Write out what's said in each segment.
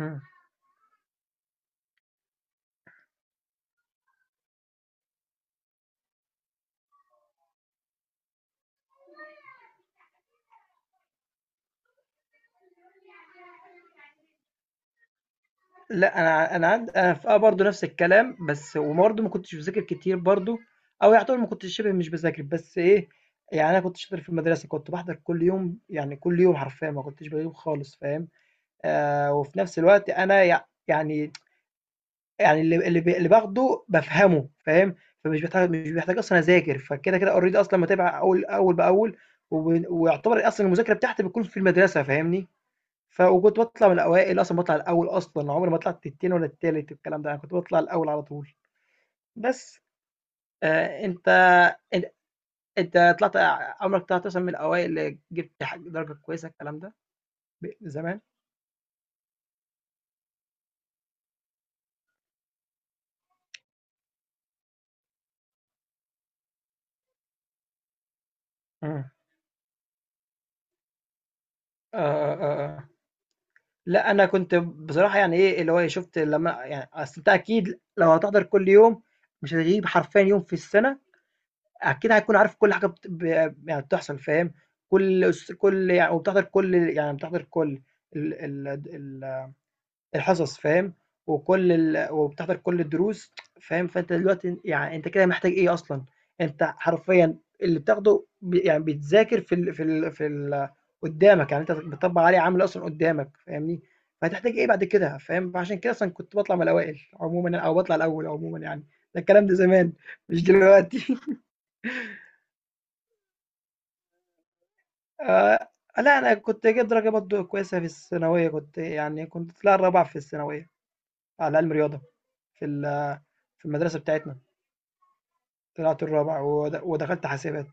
مم. لا، انا في برضه نفس الكلام. بس وبرضه ما كنتش بذاكر كتير برضه، او يعتبر ما كنتش شبه مش بذاكر، بس ايه. يعني انا كنت شاطر في المدرسه، كنت بحضر كل يوم، يعني كل يوم حرفيا ما كنتش بغيب خالص، فاهم. آه، وفي نفس الوقت انا يعني اللي باخده بفهمه، فاهم. فمش بحتاج، مش بحتاج اصلا اذاكر، فكده كده اوريدي اصلا متابع اول اول باول. ويعتبر اصلا المذاكره بتاعتي بتكون في المدرسه، فاهمني. وكنت باطلع من الأوائل أصلًا، باطلع الأول أصلًا، عمري ما طلعت التاني ولا التالت والكلام ده، أنا كنت باطلع الأول على طول. بس. آآ أنت أن أنت طلعت، عمرك طلعت مثلًا من الأوائل اللي جبت درجة كويسة الكلام ده؟ زمان؟ إمم. آه، آه، آه. لأ، أنا كنت بصراحة يعني إيه، اللي هو إيه، شُفت لمّا يعني أصل أنت أكيد لو هتحضر كل يوم، مش هتغيب حرفيًا يوم في السنة، أكيد هتكون عارف كل حاجة بت ب يعني بتحصل، فاهم؟ كل يعني، بتحضر كل ال ال د ال الحصص، فاهم، وكل ال وبتحضر كل الدروس، فاهم. فأنت دلوقتي يعني أنت كده محتاج إيه أصلًا؟ أنت حرفيًا اللي بتاخده يعني بيتذاكر في ال في ال في ال قدّامك، يعني أنت بتطبّق عليه عملي أصلًا قدّامك، فاهمني. فهتحتاج إيه بعد كده، فاهم. فعشان كده أصلًا كنت باطلع من الأوائل عمومًا، أو باطلع الأول عمومًا يعني. ده الكلام ده زمان، مش دلوقتي. آآ، لأ، أنا كنت جايب درجة برضه كويسة في الثانوية، كنت طلِعت الرابع في الثانوية على عِلم رياضة في ال في المدرسة بتاعتنا. طلعت الرابع، ودخلت حاسبات.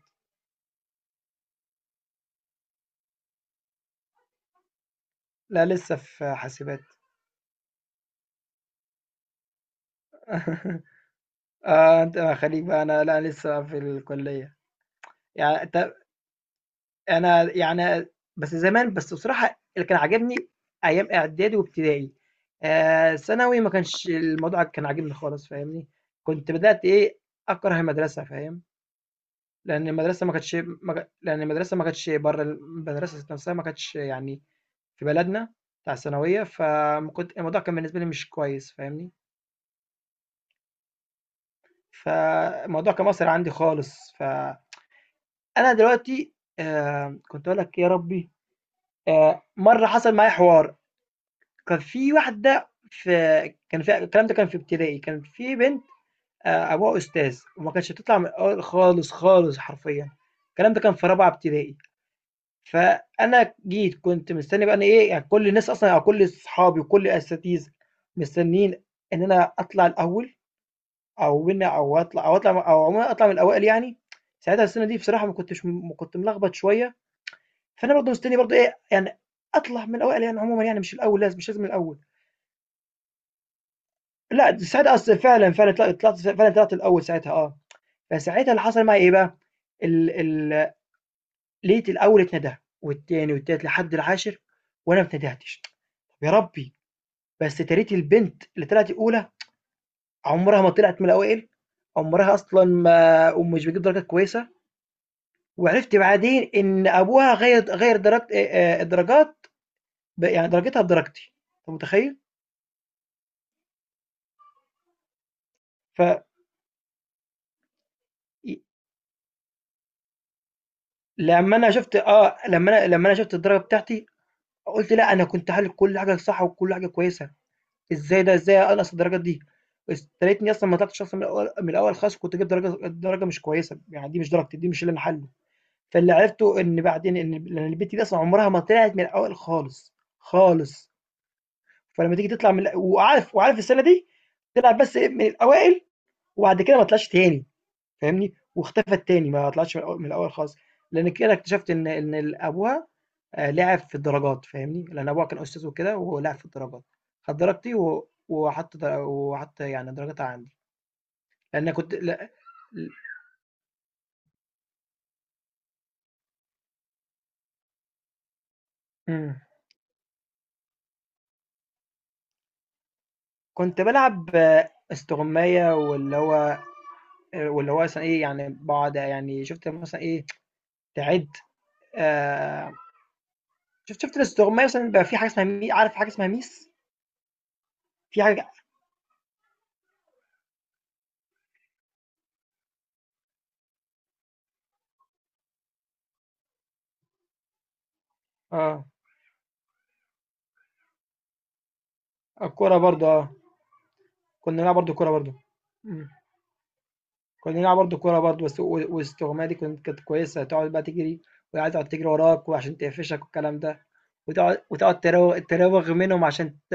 لا لسه في حاسبات. اه انت خليك بقى، انا لا لسه في الكلية. يعني انت انا بس زمان، بس بصراحة اللي كان عاجبني ايام اعدادي وابتدائي. آه، ثانوي ما كانش الموضوع كان عاجبني خالص، فاهمني. كنت بدأت ايه اكره المدرسة، فاهم. لان المدرسة ما كانتش لان المدرسة ما كانتش، بره المدرسة ذات نفسها ما كانتش يعني في بلدنا بتاع الثانوية. الموضوع كان بالنسبة لي مش كويس، فاهمني. فالموضوع كان مأثر عندي خالص. فأنا دلوقتي، كنت هاقول لك إيه يا ربي. مرّة حصل معايا حوار، كان في الكلام ده كان في ابتدائي، كان في بنت أبوها أستاذ، وما كانتش بتطلع من الأول خالص، خالص حرفيًا. الكلام ده كان في رابعة ابتدائي. فأنا جيت كنت مستني بقى أنا إيه، يعني كل الناس أصلًا أو كل صحابي وكل الأساتذة مستنيين إن أنا أطلع الأول، أو win، أو عمومًا أطلع من الأوائل يعني. ساعتها السنة دي بصراحة ما كنتش م كنت ملخبط شوية. فأنا برضه مستني برضه إيه، يعني أطلع من الأوائل يعني عمومًا، يعني مش الأول لازم، مش لازم الأول. لأ ساعتها أصل فعلًا، فعلًا طل طلعت فعلًا طلعت الأول ساعتها، آه. فساعتها اللي حصل معايا إيه بقى، ال ال لقيت الأول اتندى، والتاني والتالت لحد العاشر، وأنا ما اتندهتش. طب يا ربي. بس تاريت البنت اللي طلعت الأولى عمرها ما طلعت من الأوائل، عمرها أصلًا ما ومش بتجيب درجات كويسة. وعرفت بعدين إن أبوها غيّر درجت الدرجات، يعني درجتها بدرجتي. أنت متخيّل؟ ف ي لمّا أنا شُفت لمّا أنا شُفت الدرجة بتاعتي، قُلت لأ. أنا كنت حالل كل حاجة صح وكل حاجة كويسة. إزاي أنقّص الدرجات دي؟ بس يا ريتني أصلًا ما طلعتش أصلًا من الأول، من الأول خالص كنت جِبت درجة مش كويسة، يعني دي مش درجتي، دي مش اللي أنا حالله. فاللي عرفته إن بعدين إن ب لإن البت دي أصلًا عمرها ما طلعت من الأول خالص، خالص. فلما تيجي تطلع من، وعارف، وعارف السنة دي تلعب بس إيه، من الأوائل، وبعد كده ما طلعش تاني، فاهمني، واختفت تاني، ما طلعش من الأول، من الأول خالص. لأن كده اكتشفت إن أبوها آه، لعب في الدرجات، فاهمني، لأن أبوها كان أستاذ وكده، وهو لعب في الدرجات. خد درجتي وحط يعني درجتها عندي، لأن كنت، لا، ل- مم. كنت بلعب استغماية، واللي هو مثلا ايه، يعني بقعد، يعني شفت مثلا ايه تعد آه، شفت الاستغماية مثلًا. بيبقى في حاجة اسمها عارف حاجة اسمها ميس؟ في حاجة، آه، الكورة برضه، آه. كنا بنلعب برضه كورة برضه. إمم. كنا بنلعب برضه كورة برضه، بس. والاستغماية دي كانت كويسة، تقعد بقى تجري والعيال تقعد تجري وراك وعشان تقفشك والكلام ده. وتقعد تراوغ منهم عشان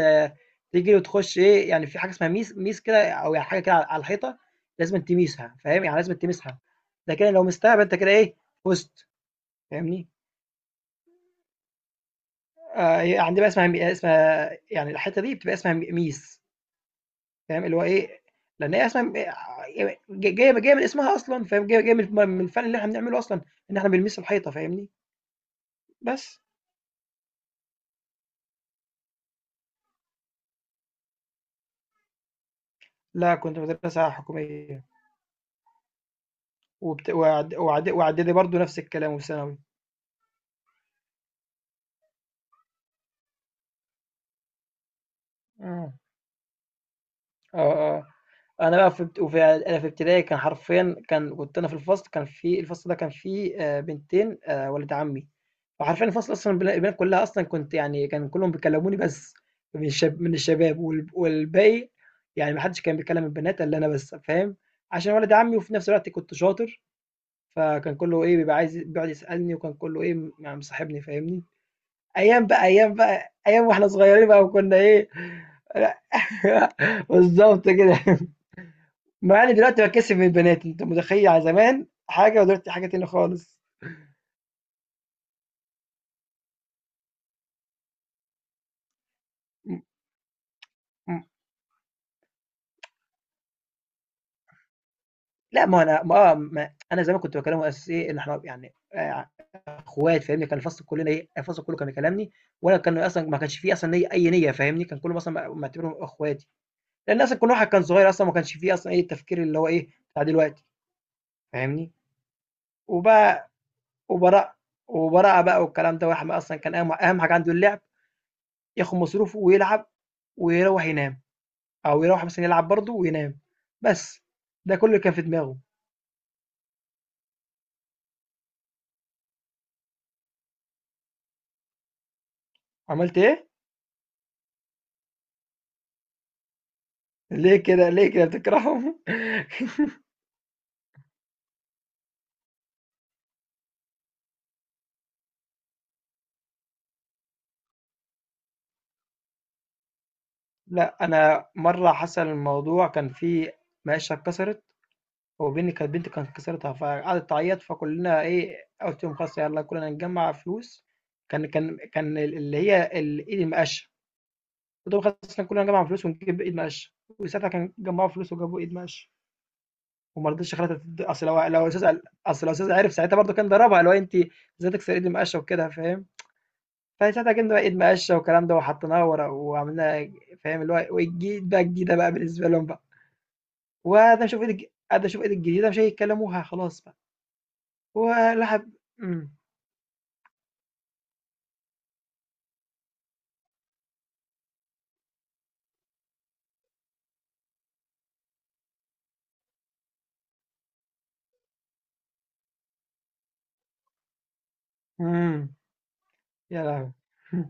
تجري وتخش إيه، يعني في حاجة اسمها ميس، ميس كده، أو يعني حاجة كده على الحيطة، لازمًا تميسها، فاهم، يعني لازمًا تمسها. ده كده لو مِستها يبقى أنت كده إيه، فُزت، فاهمني؟ هي عندنا بقى اسمها يعني الحتّة دي بتبقى اسمها م ميس، فاهم، اللي هو إيه. لإن هي أصلًا ب ج جاية جاية من اسمها أصلًا، فاهم، جاية من الفن اللي إحنا بنعمله أصلًا، إن إحنا بنميس الحيطة، فاهمني. بس. لأ، كنت مدرسة حكومية، وبت وإعد وإعد وإعدادي برضه نفس الكلام وفي ثانوي. إمم. آه، آه. أنا بقى في ابت- وفي إعد- أنا في ابتدائي، كان حرفيًا كنت أنا في الفصل، في الفصل ده كان فيه بنتين، ولد عمي. وحرفيًا الفصل أصلًا البنات كلها أصلًا، كنت يعني كان كلهم بيكلموني، بس من الشباب والباقي، يعني ما حدش كان بيكلم البنات إلا أنا بس، فاهم، عشان ولد عمي، وفي نفس الوقت كنت شاطر. فكان كله إيه بيبقى عايز بيقعد يسألني، وكان كله إيه، يعني مصاحبني، فاهمني. أيام بقى، أيام بقى أيام وإحنا صغيرين بقى، وكنا إيه. بالظبط كده. مع اني دلوقتي باتكسف من البنات. أنت متخيل يعني زمان حاجة ودلوقتي حاجة تانية خالص. إمم، إمم. لأ، ما هو أنا ما آه، ما أنا زمان كنت باكلمهم أساس إيه، إن إحنا يعني أخوات، فاهمني. كان الفصل كلنا إيه، الفصل كله كان بيكلمني، وأنا كان أصلًا ما كانش في أصلًا ليّا أي نيّة، فاهمني. كان كله مثلًا معتبرهم أخواتي، لأن أصلًا كل واحد كان صغير، أصلًا ما كانش في أصلًا إيه التفكير اللي هو إيه، بتاع دلوقتي، فاهمني. وبقى وبرا وبراءة بقى والكلام ده. واحد أصلًا كان أهم، أهم حاجة عنده اللعب، ياخد مصروفه ويلعب ويروّح ينام. أو يروّح مثلًا يلعب برضه وينام، بس. ده كلّ اللي كان في دماغه. عملت إيه؟ ليه كده، ليه كده بتكرههم؟ لأ، أنا مرّة حصل الموضوع، كان في مقاشة اتكسرت، وبين كانت بنتي كانت كسرتها، فقعدت تعيّط. فكلّنا إيه، قُلت لهم خلاص يالّا كلّنا نجمّع فلوس، كان اللي هي ال إيد المقاشة. قُلت لهم خلاص إحنا كلّنا نجمّع فلوس ونجيب إيد مقاشة. وساعتها كان جمّعوا فلوس وجابوا إيد مقاشة. وما رضيتش خلاص تد-. اصل لو الاستاذ قال-. اصل لو الاستاذ عرف ساعتها برضه كان ضربها، اللي هو انت ازاي تكسر ايد المقشه وكده، فاهم. فساعتها جبنا بقى ايد مقشه والكلام ده، وحطيناها ورا وعملناها، فاهم، اللي هو وجديد بقى، جديده بقى بالنسبه لهم بقى. وقعد اشوف ايد الج- قعد اشوف ايد الجديده، مش هيتكلموها خلاص بقى، ولحب. امم. امم. يا لهوي.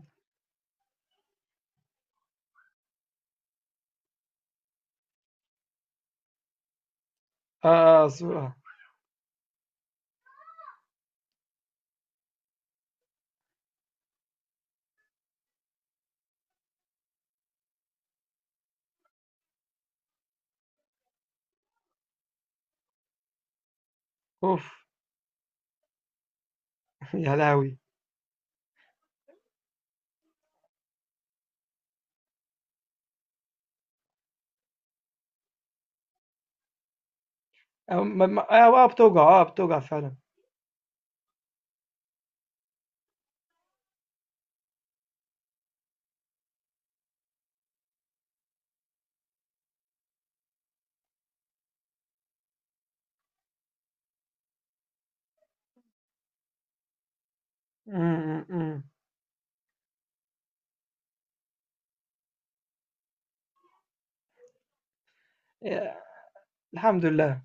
اه صورة. اوف. يا لهوي. بتوجع، اه بتوجع فعلا. امم، امم. الحمد لله.